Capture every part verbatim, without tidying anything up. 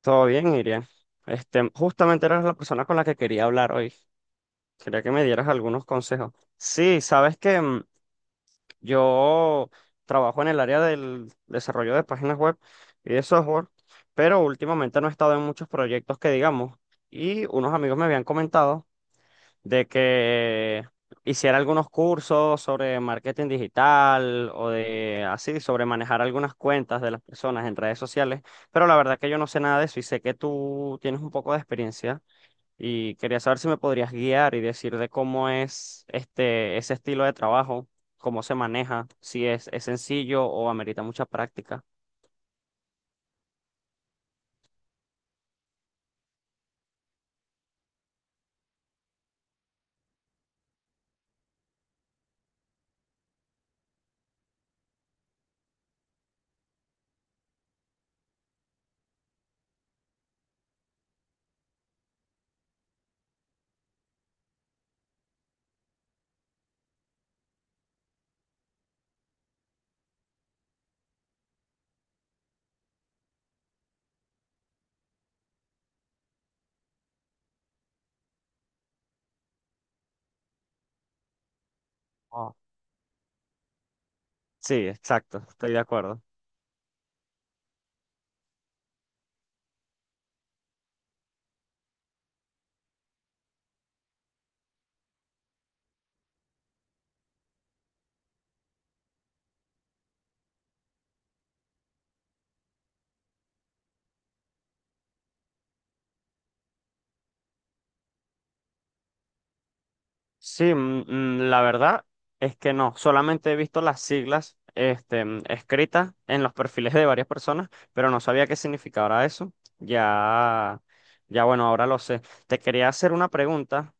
Todo bien, Iria. Este, justamente eras la persona con la que quería hablar hoy. Quería que me dieras algunos consejos. Sí, sabes que mm, yo trabajo en el área del desarrollo de páginas web y de software, pero últimamente no he estado en muchos proyectos que digamos. Y unos amigos me habían comentado de que hiciera algunos cursos sobre marketing digital o de así, sobre manejar algunas cuentas de las personas en redes sociales, pero la verdad que yo no sé nada de eso y sé que tú tienes un poco de experiencia y quería saber si me podrías guiar y decir de cómo es este ese estilo de trabajo, cómo se maneja, si es, es sencillo o amerita mucha práctica. Ah. Sí, exacto, estoy de acuerdo. Sí, mm, mm, la verdad es que no, solamente he visto las siglas este, mm, escritas en los perfiles de varias personas, pero no sabía qué significaba eso. Ya, ya bueno, ahora lo sé. Te quería hacer una pregunta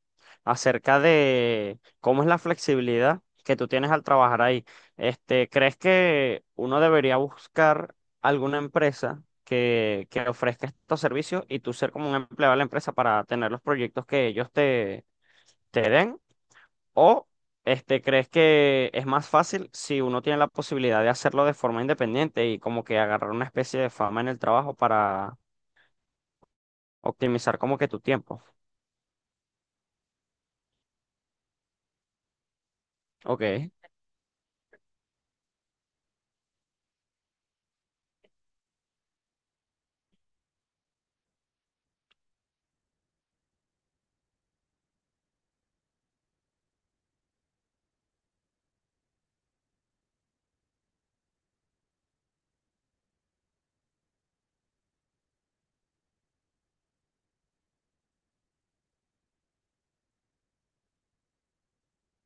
acerca de cómo es la flexibilidad que tú tienes al trabajar ahí. Este, ¿crees que uno debería buscar alguna empresa que, que ofrezca estos servicios y tú ser como un empleado de la empresa para tener los proyectos que ellos te, te den? ¿O este, crees que es más fácil si uno tiene la posibilidad de hacerlo de forma independiente y como que agarrar una especie de fama en el trabajo para optimizar como que tu tiempo? Ok,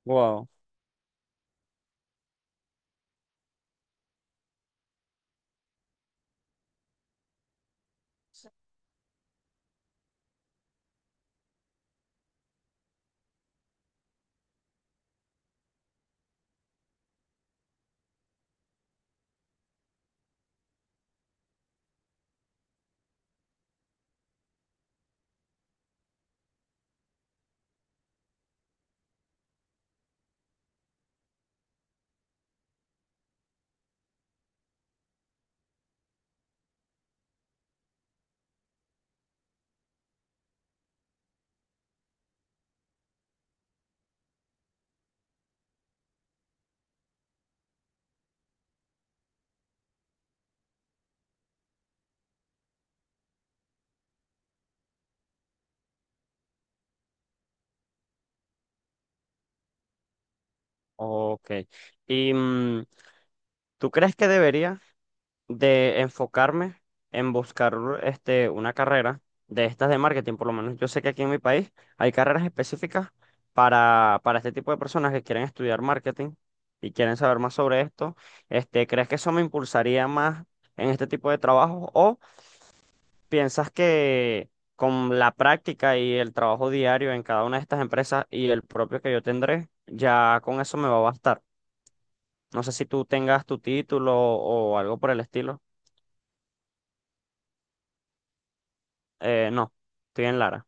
wow, ok. ¿Y mm, tú crees que debería de enfocarme en buscar este, una carrera de estas de marketing? Por lo menos yo sé que aquí en mi país hay carreras específicas para, para este tipo de personas que quieren estudiar marketing y quieren saber más sobre esto. Este, ¿crees que eso me impulsaría más en este tipo de trabajo o piensas que con la práctica y el trabajo diario en cada una de estas empresas y el propio que yo tendré, ya con eso me va a bastar? No sé si tú tengas tu título o algo por el estilo. Eh, no, estoy en Lara.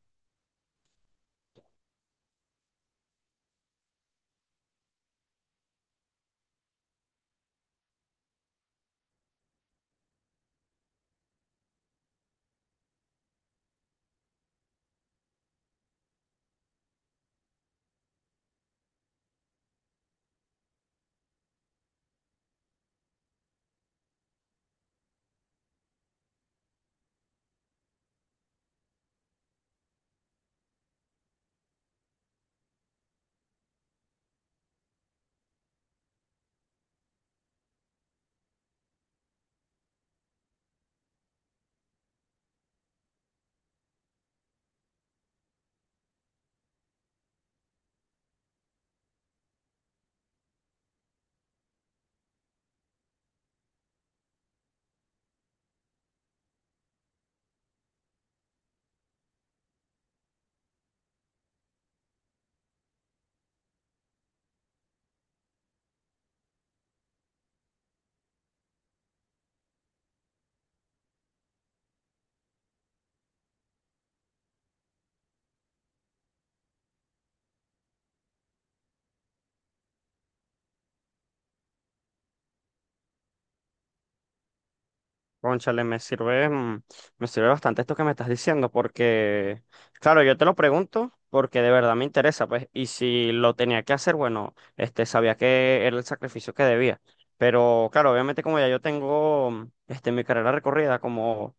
Cónchale, me sirve, mm, me sirve bastante esto que me estás diciendo, porque, claro, yo te lo pregunto porque de verdad me interesa, pues, y si lo tenía que hacer, bueno, este, sabía que era el sacrificio que debía. Pero, claro, obviamente como ya yo tengo, mm, este, mi carrera recorrida como,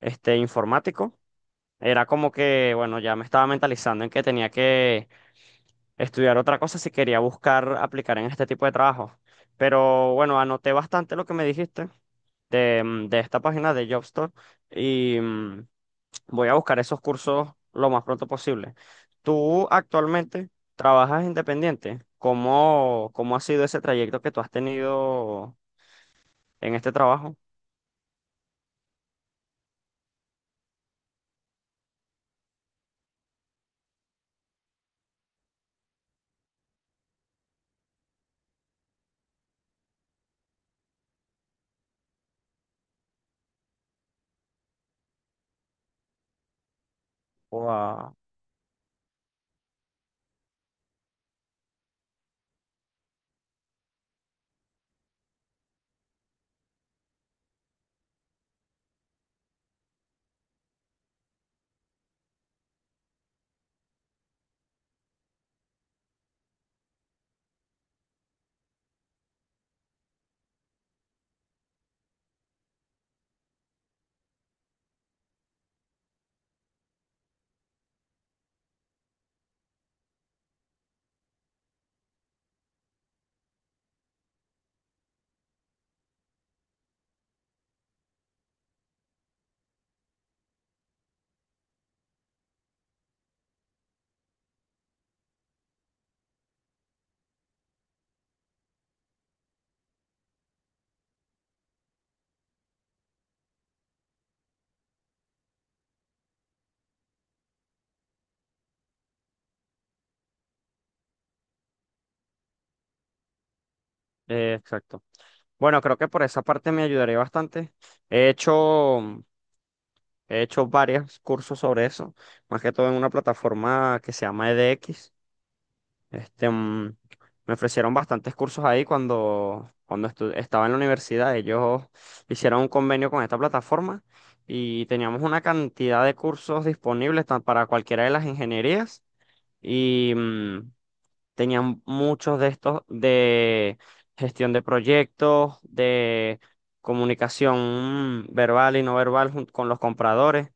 este, informático, era como que, bueno, ya me estaba mentalizando en que tenía que estudiar otra cosa si quería buscar aplicar en este tipo de trabajo. Pero, bueno, anoté bastante lo que me dijiste. De, mm, de esta página de Jobstore y mm, voy a buscar esos cursos lo más pronto posible. Tú actualmente trabajas independiente. ¿Cómo, cómo ha sido ese trayecto que tú has tenido en este trabajo? O a- eh, exacto. Bueno, creo que por esa parte me ayudaría bastante. He hecho, mm, he hecho varios cursos sobre eso, más que todo en una plataforma que se llama E D X. Este, mm, Me ofrecieron bastantes cursos ahí cuando, cuando estu- estaba en la universidad. Ellos hicieron un convenio con esta plataforma y teníamos una cantidad de cursos disponibles tan- para cualquiera de las ingenierías y mm, tenían muchos de estos de gestión de proyectos, de comunicación mm, verbal y no verbal jun- con los compradores.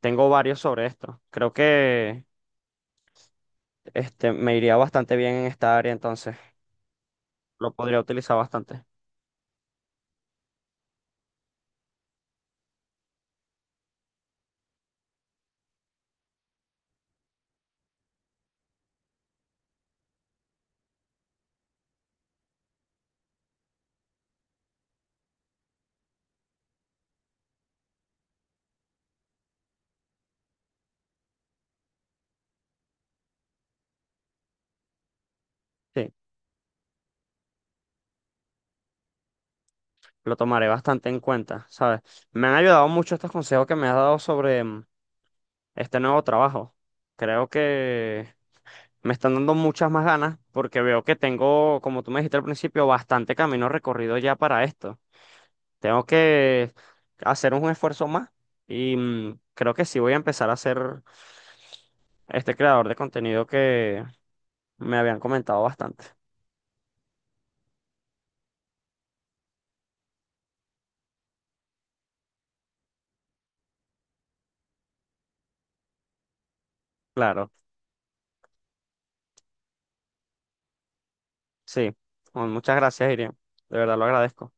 Tengo varios sobre esto. Creo que este, me iría bastante bien en esta área entonces. Lo podría utilizar bastante. Sí, lo tomaré bastante en cuenta, ¿sabes? Me han ayudado mucho estos consejos que me has dado sobre mm, este nuevo trabajo. Creo que me están dando muchas más ganas porque veo que tengo, como tú me dijiste al principio, bastante camino recorrido ya para esto. Tengo que hacer un esfuerzo más y mm, creo que sí voy a empezar a ser este creador de contenido que me habían comentado bastante. Claro, sí. Bueno, muchas gracias, Iriam. De verdad lo agradezco.